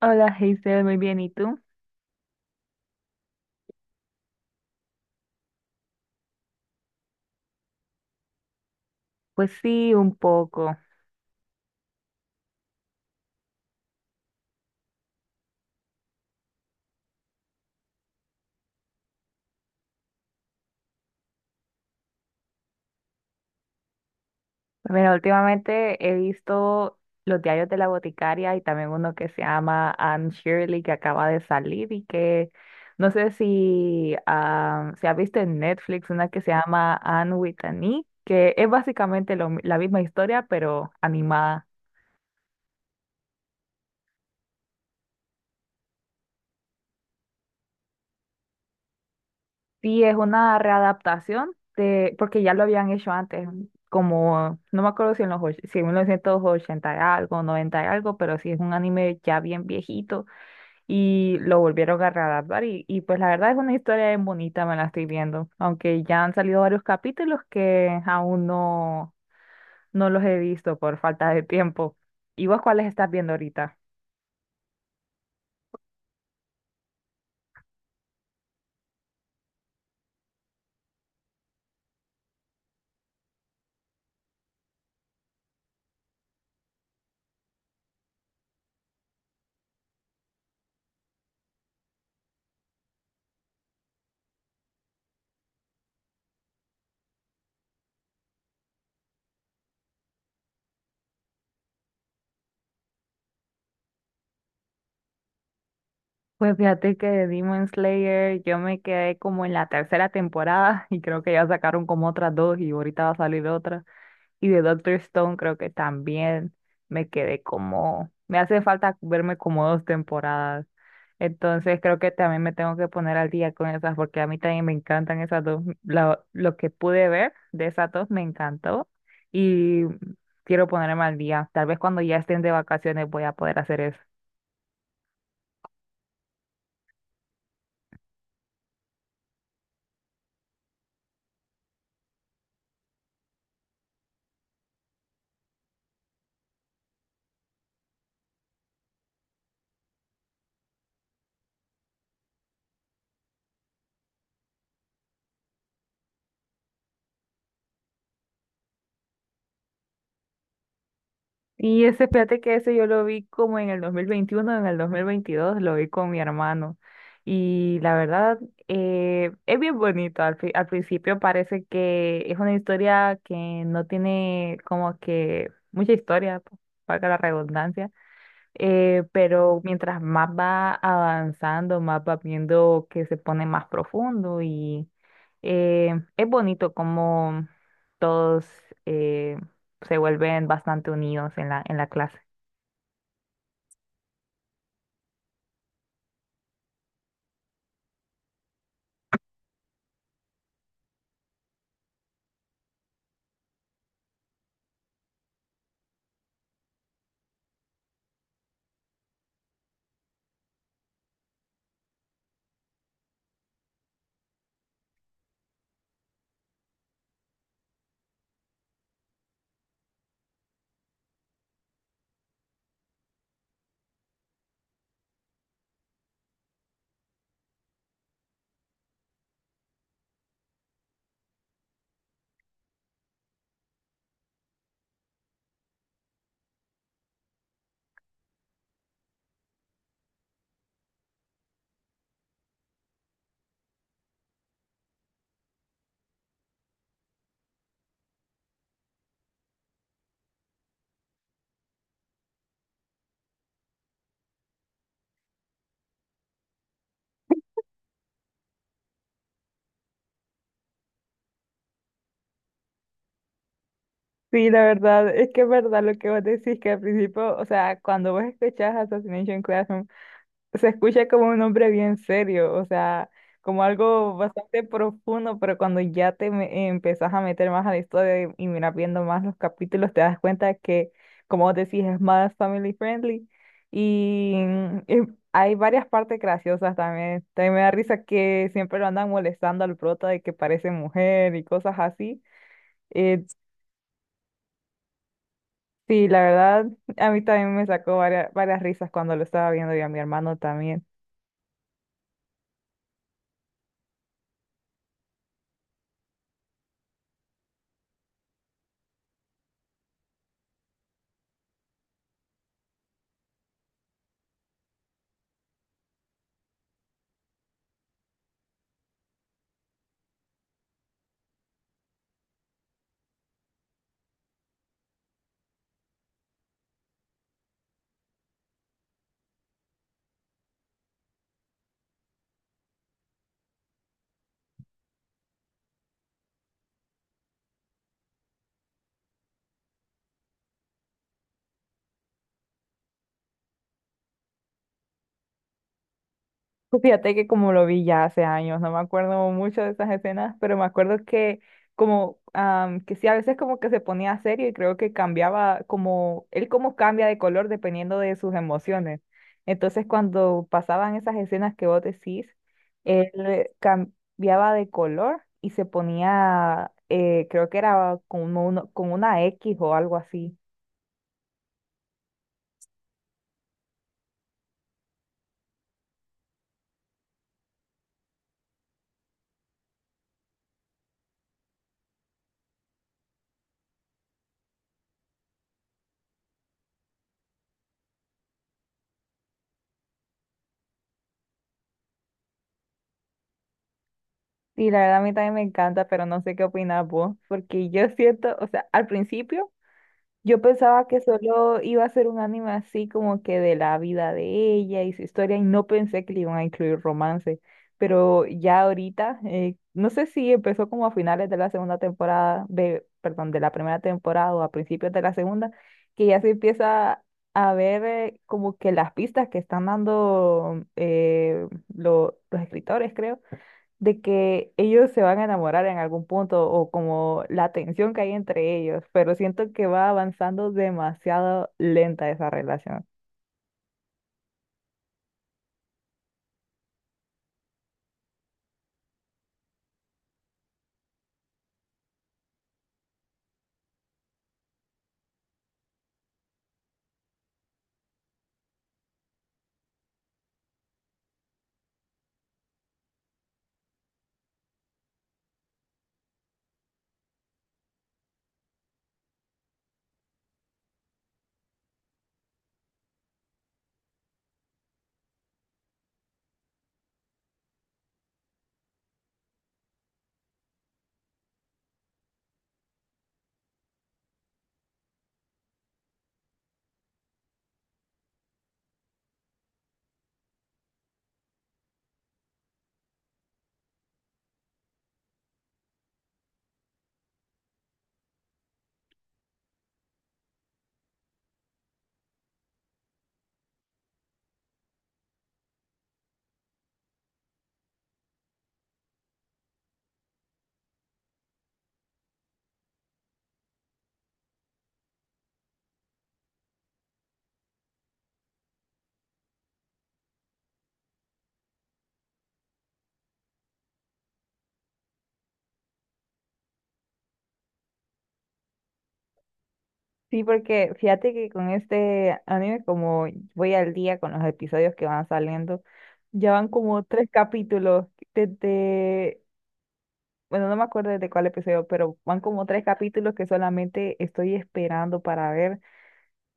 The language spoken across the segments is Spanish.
Hola, Hazel, muy bien. ¿Y tú? Pues sí, un poco. Pues mira, últimamente he visto los diarios de la boticaria y también uno que se llama Anne Shirley que acaba de salir y que no sé si se ha visto en Netflix una que se llama Anne with an E, que es básicamente la misma historia pero animada. Sí, es una readaptación de, porque ya lo habían hecho antes, como, no me acuerdo si en los, si en 1980 y algo, 90 y algo, pero sí es un anime ya bien viejito y lo volvieron a readaptar y pues la verdad es una historia bien bonita, me la estoy viendo, aunque ya han salido varios capítulos que aún no, no los he visto por falta de tiempo. ¿Y vos cuáles estás viendo ahorita? Pues fíjate que de Demon Slayer yo me quedé como en la tercera temporada y creo que ya sacaron como otras dos y ahorita va a salir otra. Y de Doctor Stone creo que también me quedé como, me hace falta verme como dos temporadas. Entonces creo que también me tengo que poner al día con esas porque a mí también me encantan esas dos. Lo que pude ver de esas dos me encantó y quiero ponerme al día. Tal vez cuando ya estén de vacaciones voy a poder hacer eso. Y ese, fíjate que ese yo lo vi como en el 2021, en el 2022 lo vi con mi hermano. Y la verdad, es bien bonito. Al principio parece que es una historia que no tiene como que mucha historia, valga la redundancia. Pero mientras más va avanzando, más va viendo que se pone más profundo. eh, es bonito como todos, eh, se vuelven bastante unidos en la clase. Sí, la verdad, es que es verdad lo que vos decís, que al principio, o sea, cuando vos escuchás Assassination Classroom se escucha como un hombre bien serio, o sea, como algo bastante profundo, pero cuando ya empezás a meter más a la historia y miras viendo más los capítulos, te das cuenta que, como vos decís, es más family friendly y, eh, hay varias partes graciosas también. También me da risa que siempre lo andan molestando al prota de que parece mujer y cosas así. Eh, sí, la verdad, a mí también me sacó varias risas cuando lo estaba viendo y a mi hermano también. Pues fíjate que como lo vi ya hace años, no me acuerdo mucho de esas escenas, pero me acuerdo que que sí, a veces como que se ponía serio y creo que cambiaba como, él como cambia de color dependiendo de sus emociones. Entonces cuando pasaban esas escenas que vos decís, él cambiaba de color y se ponía, creo que era como uno, con una X o algo así. Sí, la verdad a mí también me encanta, pero no sé qué opinas vos, porque yo siento, o sea, al principio. Yo pensaba que solo iba a ser un anime así como que de la vida de ella y su historia y no pensé que le iban a incluir romance, pero ya ahorita, no sé si empezó como a finales de la segunda temporada, de, perdón, de la primera temporada o a principios de la segunda, que ya se empieza a ver como que las pistas que están dando, los escritores, creo, de que ellos se van a enamorar en algún punto o como la tensión que hay entre ellos, pero siento que va avanzando demasiado lenta esa relación. Sí, porque fíjate que con este anime, como voy al día con los episodios que van saliendo, ya van como tres capítulos desde, bueno, no me acuerdo desde cuál episodio, pero van como tres capítulos que solamente estoy esperando para ver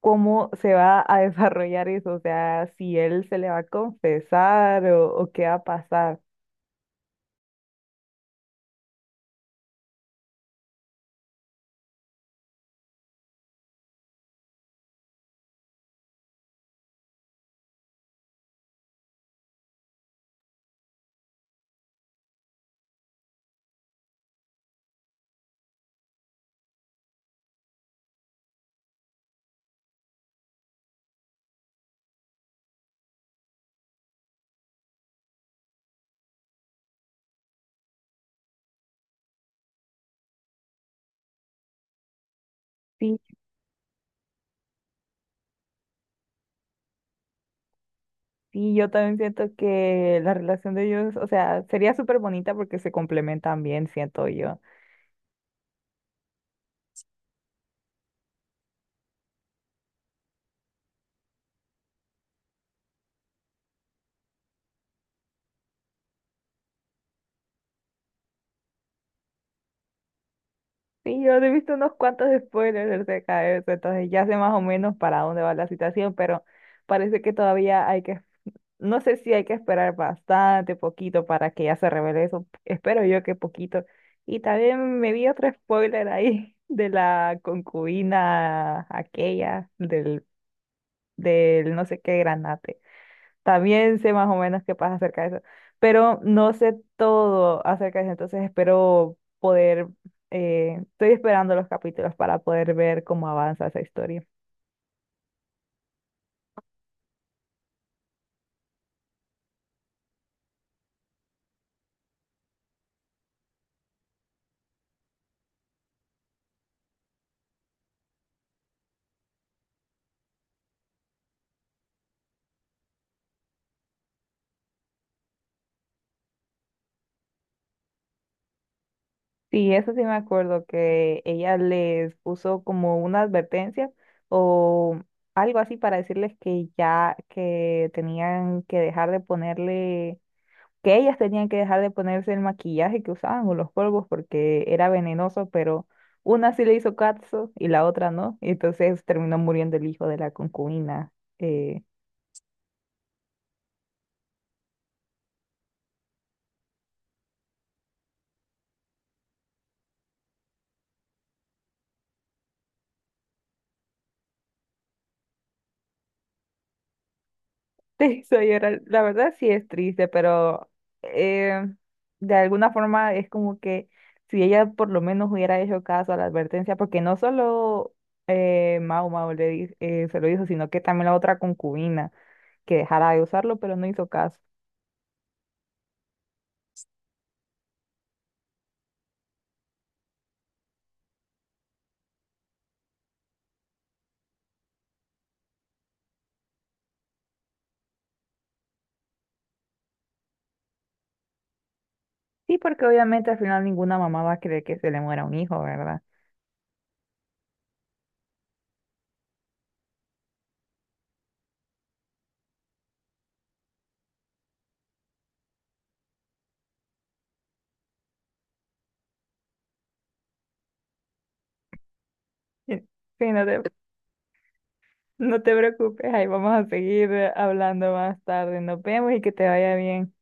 cómo se va a desarrollar eso, o sea, si él se le va a confesar o qué va a pasar. Sí, sí, yo también siento que la relación de ellos, o sea, sería súper bonita porque se complementan bien, siento yo. Sí, yo he visto unos cuantos spoilers acerca de eso, entonces ya sé más o menos para dónde va la situación, pero parece que todavía hay que. No sé si hay que esperar bastante, poquito para que ya se revele eso. Espero yo que poquito. Y también me vi otro spoiler ahí de la concubina aquella, del no sé qué granate. También sé más o menos qué pasa acerca de eso, pero no sé todo acerca de eso. Entonces espero poder, estoy esperando los capítulos para poder ver cómo avanza esa historia. Sí, eso sí me acuerdo que ella les puso como una advertencia o algo así para decirles que ya que tenían que dejar de ponerle, que ellas tenían que dejar de ponerse el maquillaje que usaban o los polvos porque era venenoso, pero una sí le hizo caso y la otra no, y entonces terminó muriendo el hijo de la concubina. eh, Te hizo llorar. La verdad sí es triste, pero eh, de alguna forma es como que si ella por lo menos hubiera hecho caso a la advertencia, porque no solo, Mau Mau se lo hizo, sino que también la otra concubina que dejara de usarlo, pero no hizo caso. Sí, porque obviamente al final ninguna mamá va a querer que se le muera un hijo, ¿verdad? Sí, sí, no te preocupes, ahí vamos a seguir hablando más tarde. Nos vemos y que te vaya bien.